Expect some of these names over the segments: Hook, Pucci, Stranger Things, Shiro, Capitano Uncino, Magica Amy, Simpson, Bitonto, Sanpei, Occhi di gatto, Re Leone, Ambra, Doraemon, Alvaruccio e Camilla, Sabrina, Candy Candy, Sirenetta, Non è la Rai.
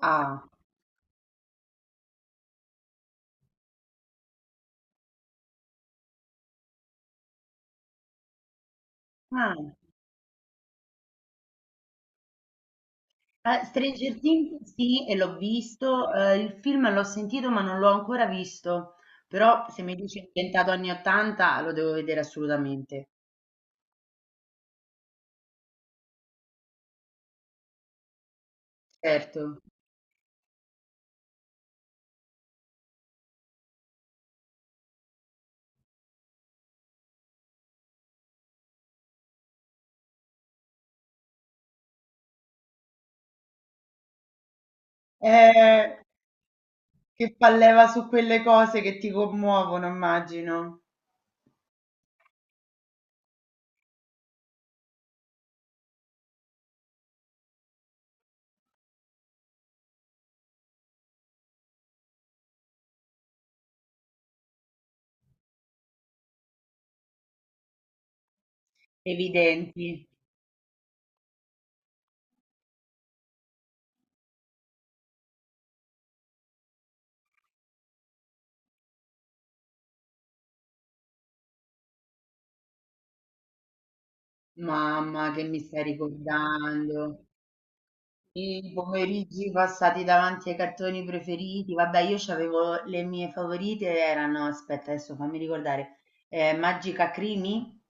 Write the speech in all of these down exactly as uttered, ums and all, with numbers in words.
Ah, ah, eh, Stranger Things sì, e l'ho visto. Eh, il film l'ho sentito, ma non l'ho ancora visto. Però se mi dici è diventato anni ottanta, lo devo vedere assolutamente, certo. Eh, che fa leva su quelle cose che ti commuovono, immagino. Evidenti. Mamma, che mi stai ricordando! I pomeriggi passati davanti ai cartoni preferiti, vabbè, io c'avevo le mie favorite, erano, aspetta, adesso fammi ricordare, eh, Magica Crimi,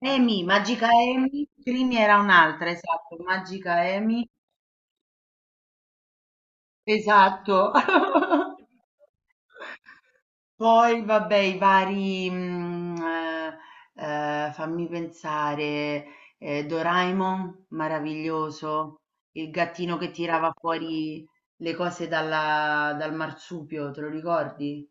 eh, Amy, Magica Amy. Crimi era un'altra, esatto, Magica Amy, esatto. Poi vabbè, i vari, mhmm, ehm, ehm, fammi pensare, ehm, Doraemon, meraviglioso, il gattino che tirava fuori le cose dalla dal marsupio, te lo ricordi?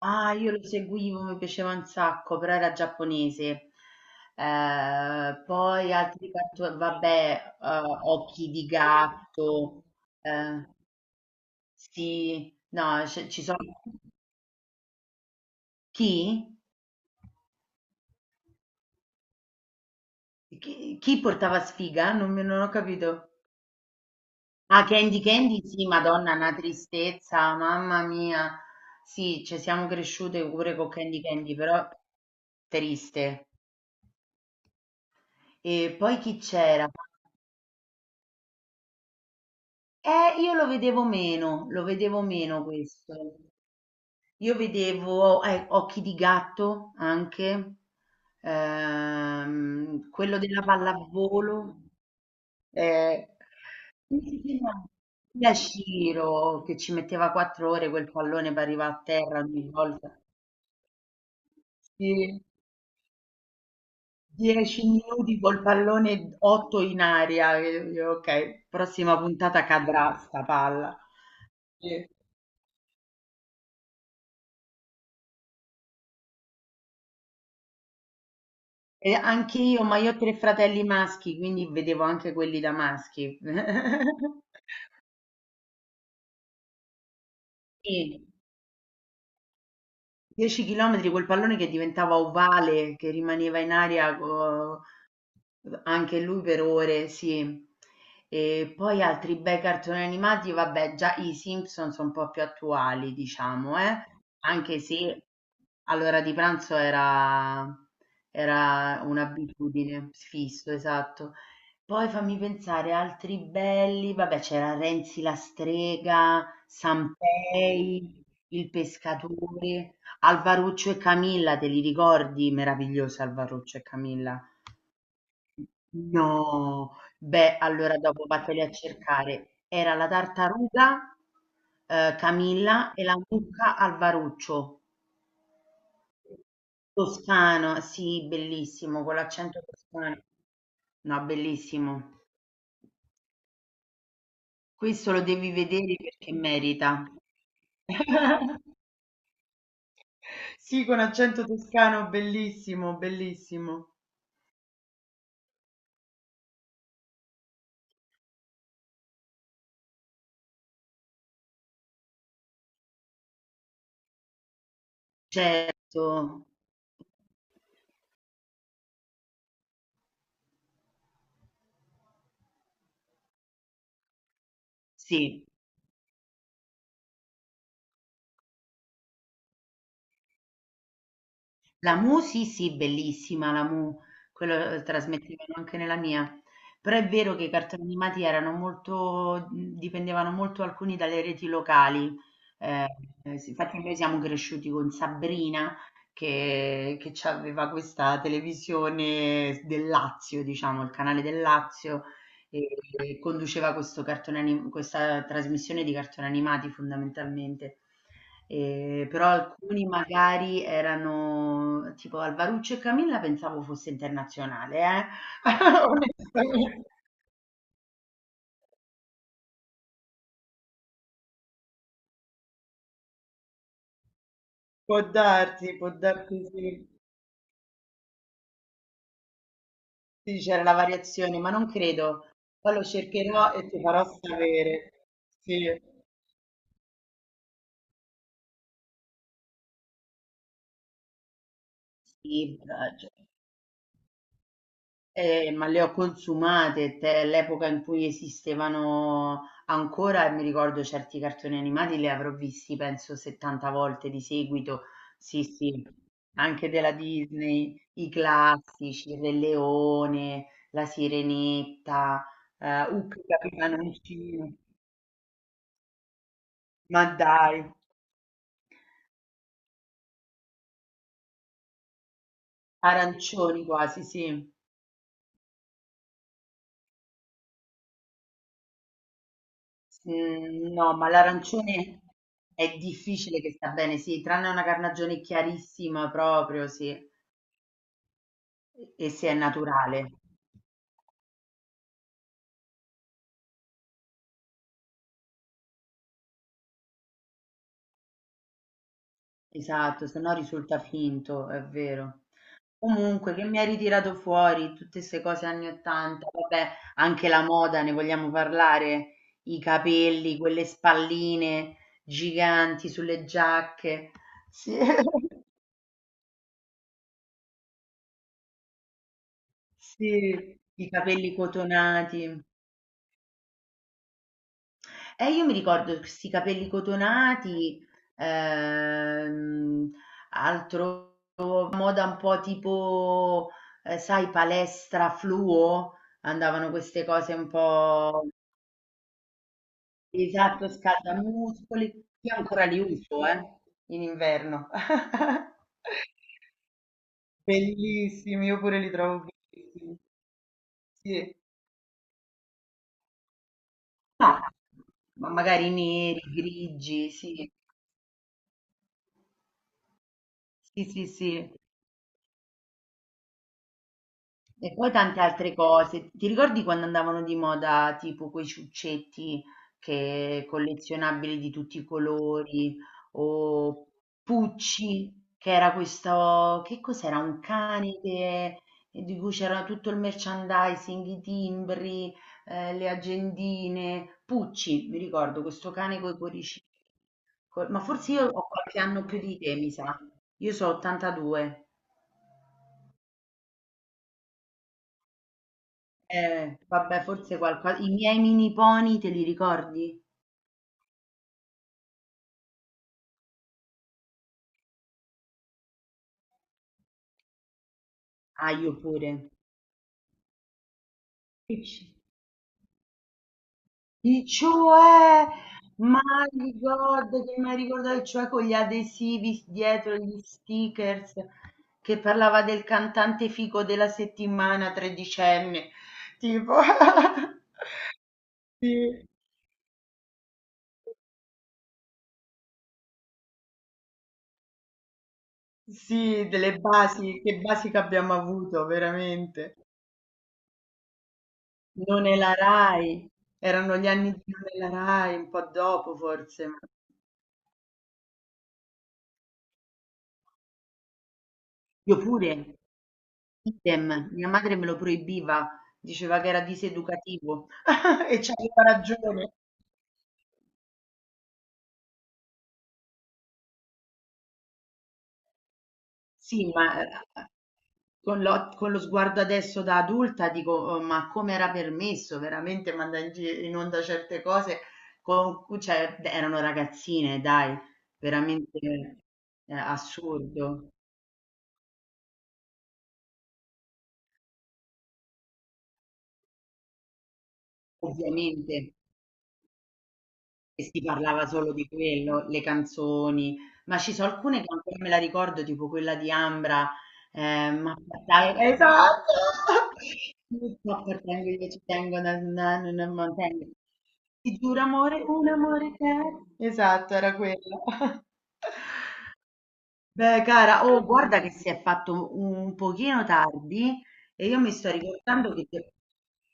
Ah, io lo seguivo, mi piaceva un sacco, però era giapponese. Ehm, poi altri cartoni, vabbè, ehm, Occhi di gatto, ehm, sì, no, ce ci sono. Chi? Chi, chi portava sfiga? Non, mi- non ho capito. Ah, Candy Candy, sì, Madonna, una tristezza, mamma mia. Sì, ci siamo cresciute pure con Candy Candy, però triste. E poi chi c'era? Eh, io lo vedevo meno, lo vedevo meno questo. Io vedevo, eh, Occhi di gatto anche, ehm, quello della pallavolo. Eh, Come si chiama? Era Shiro che ci metteva quattro ore quel pallone per arrivare a terra ogni volta. Sì, dieci minuti col pallone, otto in aria. Eh, Ok, prossima puntata cadrà sta palla. Sì. E anche io, ma io ho tre fratelli maschi, quindi vedevo anche quelli da maschi. Sì, dieci chilometri col pallone che diventava ovale, che rimaneva in aria co- V anche lui per ore, sì. E poi altri bei cartoni animati, vabbè, già i Simpson sono un po' più attuali, diciamo, eh. Anche se all'ora di pranzo era, era un'abitudine fisso, esatto. Poi fammi pensare, altri belli, vabbè c'era Renzi la strega, Sanpei, il pescatore, Alvaruccio e Camilla, te li ricordi? Meraviglioso Alvaruccio e Camilla. No, beh, allora dopo vatteli a cercare. Era la tartaruga, eh, Camilla e la mucca al Varuccio. Toscano, sì, bellissimo, con l'accento toscano. No, bellissimo. Questo lo devi vedere perché merita. Sì, con accento toscano, bellissimo, bellissimo. Certo, sì. La Mu sì, sì, bellissima la Mu, quello eh, trasmettevano anche nella mia. Però è vero che i cartoni animati erano molto, dipendevano molto, alcuni, dalle reti locali. Eh, eh, sì, infatti noi siamo cresciuti con Sabrina che, che aveva questa televisione del Lazio, diciamo, il canale del Lazio, e e conduceva questo cartone anim questa trasmissione di cartoni animati, fondamentalmente. Ehm, però alcuni magari, erano tipo Alvaruccio e Camilla, pensavo fosse internazionale, eh, onestamente. Può darsi, può darsi sì. Sì, c'era la variazione, ma non credo. Poi lo cercherò e ti farò sapere. Sì. Sì, brava, cioè. Eh, ma le ho consumate, te- l'epoca in cui esistevano ancora, e mi ricordo certi cartoni animati li avrò visti penso settanta volte di seguito. Sì, sì, anche della Disney, i classici: il Re Leone, la Sirenetta, eh, Hook, Capitano Uncino. Ma dai, arancioni quasi, sì. Mhmm. No, ma l'arancione è difficile che sta bene, sì, tranne una carnagione chiarissima proprio, sì, e e se è naturale. Esatto, se no risulta finto, è vero. Comunque, che mi hai ritirato fuori tutte 'ste cose anni 'ottanta! Vabbè, anche la moda, ne vogliamo parlare? I capelli, quelle spalline giganti sulle giacche. Sì, sì, i capelli cotonati. E io mi ricordo questi capelli cotonati, ehm, altro, moda un po' tipo, eh, sai, palestra fluo, andavano queste cose un po', esatto, scaldamuscoli. Io ancora li uso, eh, in inverno. Bellissimi, io pure li trovo bellissimi. Sì. Ah, ma magari neri, grigi, sì. Sì, sì, sì. E poi tante altre cose. Ti ricordi quando andavano di moda tipo quei ciuccetti, che collezionabili di tutti i colori, o Pucci? Che era questo, che cos'era? Un cane che- di cui c'era tutto il merchandising, i timbri, eh, le agendine. Pucci, mi ricordo, questo cane con i cuoricini. co- Ma forse io ho qualche anno più di te, mi sa. Io so ottantadue. Eh, vabbè, forse qualcosa. I miei mini pony te li ricordi? Ah, io pure. Dici? Il cioè, my God, che mi ha ricordato il cioè con gli adesivi dietro, gli stickers, che parlava del cantante fico della settimana, tredicenne, tipo. Sì, sì, delle basi, che basi che abbiamo avuto, veramente. Non è la Rai, erano gli anni di Non è la Rai, un po' dopo forse. ma- Io pure, idem, mia madre me lo proibiva, diceva che era diseducativo, e c'aveva ragione. Sì, ma eh, con lo, con lo sguardo adesso da adulta dico: "Oh, ma come era permesso veramente mandare in, gi- in onda certe cose? Con, cioè, erano ragazzine, dai, veramente eh, assurdo!" Ovviamente. E si parlava solo di quello, le canzoni, ma ci sono alcune che ancora me la ricordo, tipo quella di Ambra, eh, ma dai, esatto! Mi sto portando, io ci tengo, na, na, na, na, ma tengo. Ti giuro amore, un amore che è. Esatto, era quello. Beh, cara, oh, guarda che si è fatto un pochino tardi, e io mi sto ricordando che, de-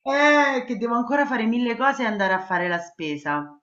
eh, che devo ancora fare mille cose e andare a fare la spesa.